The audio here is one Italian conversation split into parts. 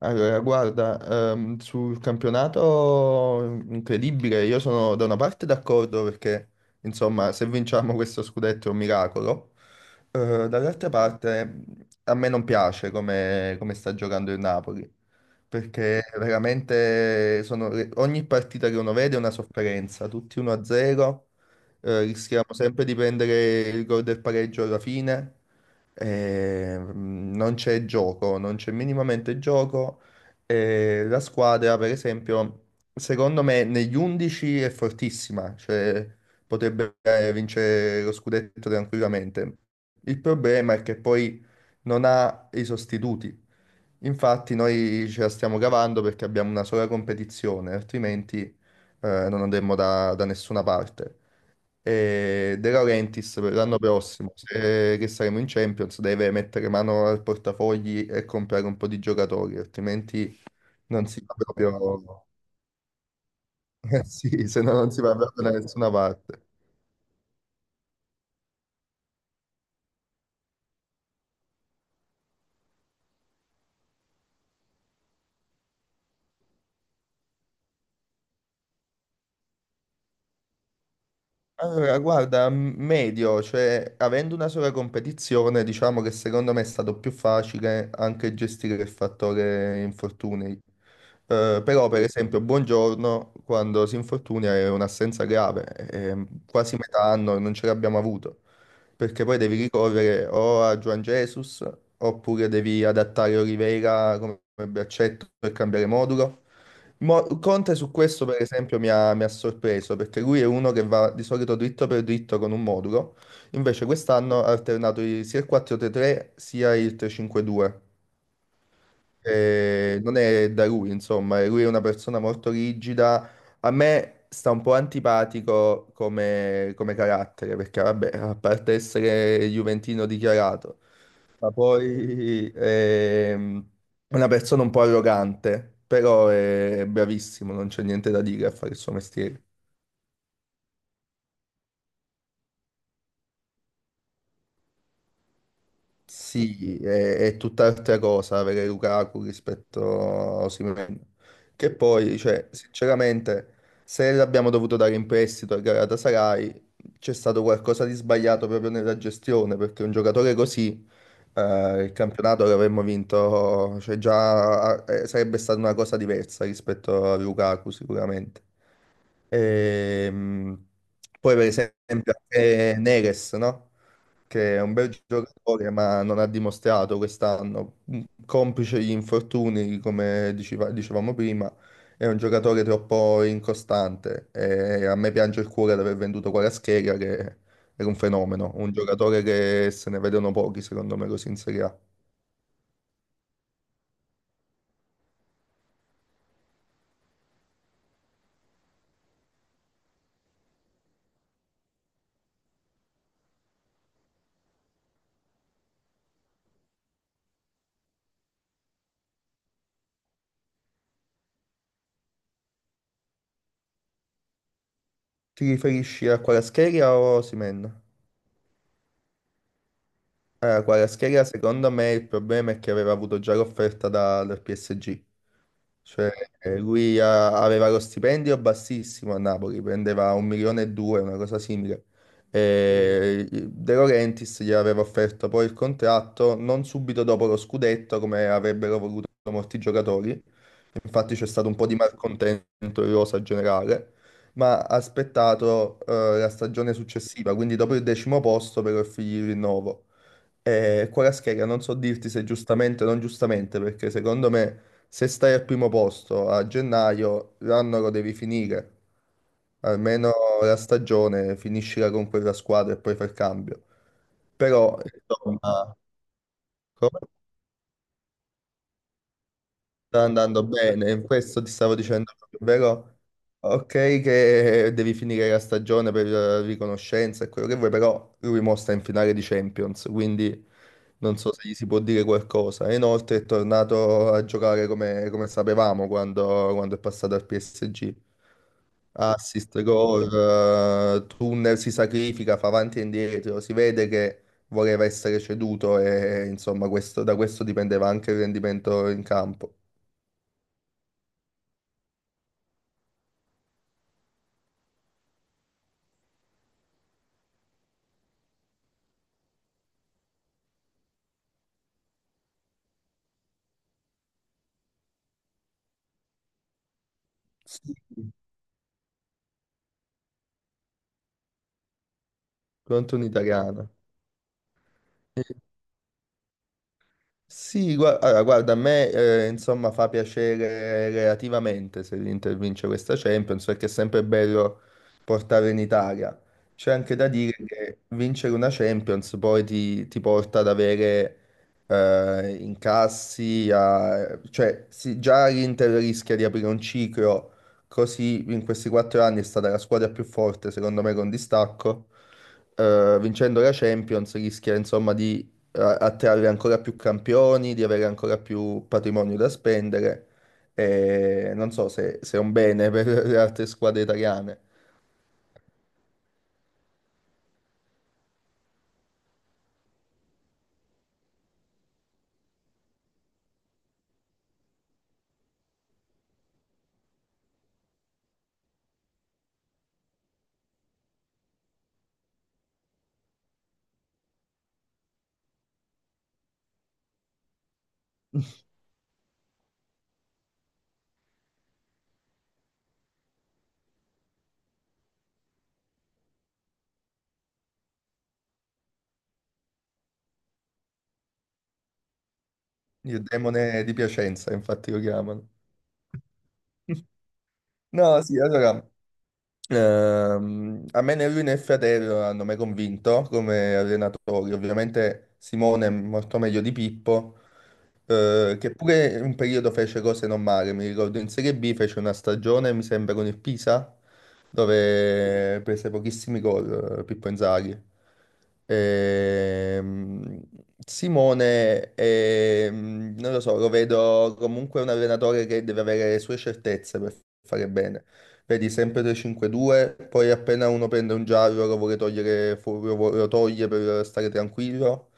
Allora, guarda, sul campionato incredibile, io sono da una parte d'accordo perché, insomma, se vinciamo questo scudetto è un miracolo. Dall'altra parte a me non piace come sta giocando il Napoli, perché veramente ogni partita che uno vede è una sofferenza, tutti 1-0, rischiamo sempre di prendere il gol del pareggio alla fine. Non c'è gioco, non c'è minimamente gioco. La squadra, per esempio, secondo me negli 11 è fortissima, cioè potrebbe vincere lo scudetto tranquillamente. Il problema è che poi non ha i sostituti. Infatti noi ce la stiamo cavando perché abbiamo una sola competizione, altrimenti non andremmo da nessuna parte. E De Laurentiis per l'anno prossimo, se che saremo in Champions, deve mettere mano al portafogli e comprare un po' di giocatori, altrimenti non si va proprio, Eh sì, se no non si va proprio da nessuna parte. Allora, guarda, medio, cioè avendo una sola competizione, diciamo che secondo me è stato più facile anche gestire il fattore infortuni. Però, per esempio, Buongiorno, quando si infortuna è un'assenza grave, e quasi metà anno non ce l'abbiamo avuto, perché poi devi ricorrere o a Juan Jesus, oppure devi adattare Oliveira come braccetto per cambiare modulo. Conte su questo, per esempio, mi ha sorpreso perché lui è uno che va di solito dritto per dritto con un modulo, invece quest'anno ha alternato sia il 4-3-3 sia il 3-5-2, non è da lui, insomma, e lui è una persona molto rigida. A me sta un po' antipatico come carattere, perché vabbè, a parte essere juventino dichiarato, ma poi è una persona un po' arrogante, però è bravissimo, non c'è niente da dire a fare il suo mestiere. Sì, è tutt'altra cosa avere Lukaku rispetto a Osimhen. Che poi, cioè, sinceramente, se l'abbiamo dovuto dare in prestito al Galatasaray, c'è stato qualcosa di sbagliato proprio nella gestione, perché un giocatore così, il campionato l'avremmo vinto, cioè già sarebbe stata una cosa diversa rispetto a Lukaku, sicuramente. Ehm, Poi, per esempio, anche Neres, no? Che è un bel giocatore, ma non ha dimostrato quest'anno, complice gli infortuni, come dicevamo prima, è un giocatore troppo incostante e a me piange il cuore di aver venduto Kvaratskhelia, che era un fenomeno, un giocatore che se ne vedono pochi, secondo me, così in Serie A. Ti riferisci a Kvaratskhelia o Osimhen? Kvaratskhelia, secondo me, il problema è che aveva avuto già l'offerta dal PSG. Cioè, lui aveva lo stipendio bassissimo a Napoli, prendeva un milione e due, una cosa simile. Mm. E De Laurentiis gli aveva offerto poi il contratto non subito dopo lo scudetto, come avrebbero voluto molti giocatori. Infatti c'è stato un po' di malcontento in rosa generale, ma ha aspettato la stagione successiva, quindi dopo il decimo posto per offrirgli il rinnovo. E Kvaratskhelia non so dirti se giustamente o non giustamente, perché secondo me se stai al primo posto a gennaio, l'anno lo devi finire. Almeno la stagione finiscila con quella squadra e poi fai il cambio. Però, insomma, come? Sta andando bene, questo ti stavo dicendo proprio, vero? Ok, che devi finire la stagione per riconoscenza e quello che vuoi, però lui mo sta in finale di Champions, quindi non so se gli si può dire qualcosa. E inoltre è tornato a giocare come sapevamo quando è passato al PSG. Assist, gol, tunnel, si sacrifica, fa avanti e indietro, si vede che voleva essere ceduto e insomma da questo dipendeva anche il rendimento in campo. Pronto un'italiana. Sì, allora, guarda, a me insomma fa piacere relativamente se l'Inter vince questa Champions, perché è sempre bello portare in Italia. C'è anche da dire che vincere una Champions poi ti porta ad avere incassi, cioè sì, già l'Inter rischia di aprire un ciclo, così in questi 4 anni è stata la squadra più forte secondo me con distacco. Vincendo la Champions rischia insomma di attrarre ancora più campioni, di avere ancora più patrimonio da spendere. E non so se è un bene per le altre squadre italiane. Il demone di Piacenza, infatti lo chiamano. No, sì, allora, a me né lui né Fiatello hanno mai convinto come allenatori. Ovviamente Simone è molto meglio di Pippo, che pure in un periodo fece cose non male. Mi ricordo in Serie B fece una stagione, mi sembra, con il Pisa, dove prese pochissimi gol Pippo Inzaghi. Ehm, Simone, non lo so, lo vedo comunque un allenatore che deve avere le sue certezze per fare bene, vedi sempre 3-5-2, poi appena uno prende un giallo lo vuole togliere, lo toglie per stare tranquillo.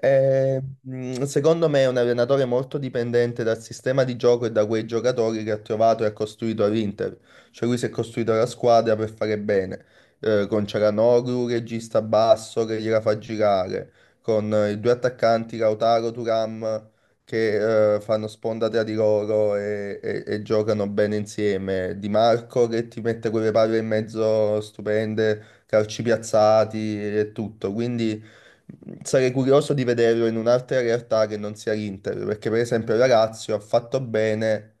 E, secondo me è un allenatore molto dipendente dal sistema di gioco e da quei giocatori che ha trovato e ha costruito all'Inter. Cioè lui si è costruito la squadra per fare bene, con Cialanoglu, regista basso che gliela fa girare, con i due attaccanti Lautaro, Turam che fanno sponda tra di loro e giocano bene insieme. Di Marco che ti mette quelle palle in mezzo stupende, calci piazzati e tutto. Quindi sarei curioso di vederlo in un'altra realtà che non sia l'Inter, perché per esempio la Lazio ha fatto bene.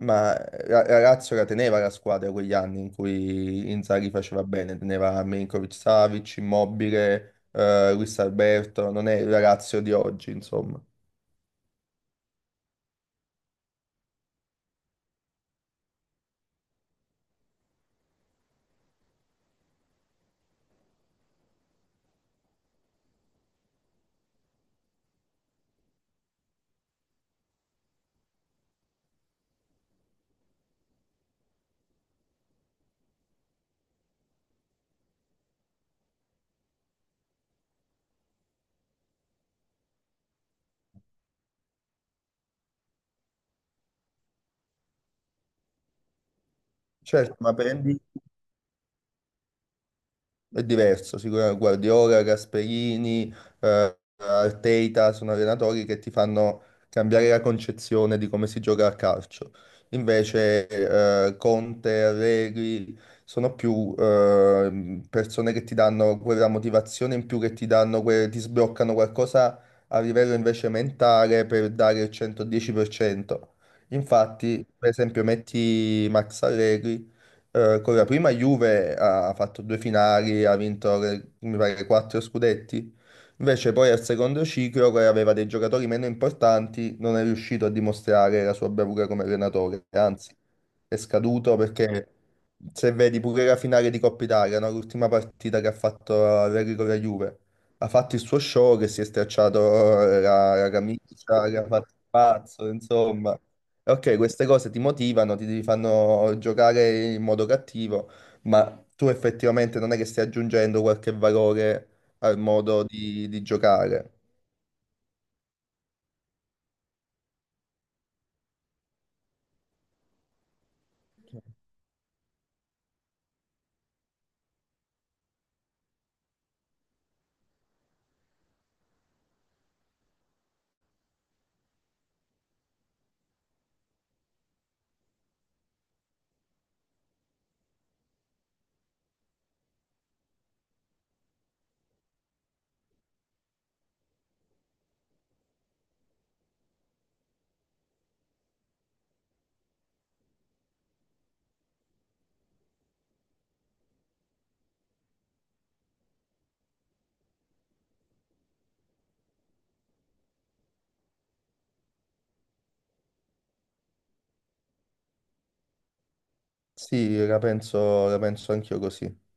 Ma la Lazio la teneva la squadra quegli anni in cui Inzaghi faceva bene, teneva Milinkovic-Savic, Immobile, Luis Alberto, non è la Lazio di oggi, insomma. Certo, ma prendi. È diverso, sicuramente Guardiola, Gasperini, Arteta sono allenatori che ti fanno cambiare la concezione di come si gioca a calcio. Invece Conte, Allegri sono più persone che ti danno quella motivazione in più, che ti danno, ti sbloccano qualcosa a livello invece mentale per dare il 110%. Infatti, per esempio, metti Max Allegri con la prima Juve ha fatto due finali, ha vinto mi pare quattro scudetti. Invece poi al secondo ciclo, che aveva dei giocatori meno importanti, non è riuscito a dimostrare la sua bravura come allenatore, anzi è scaduto perché se vedi pure la finale di Coppa Italia, no? L'ultima partita che ha fatto Allegri con la Juve, ha fatto il suo show che si è stracciato la camicia, che ha fatto il pazzo, insomma. Ok, queste cose ti motivano, ti fanno giocare in modo cattivo, ma tu effettivamente non è che stai aggiungendo qualche valore al modo di giocare. Sì, la penso anch'io così.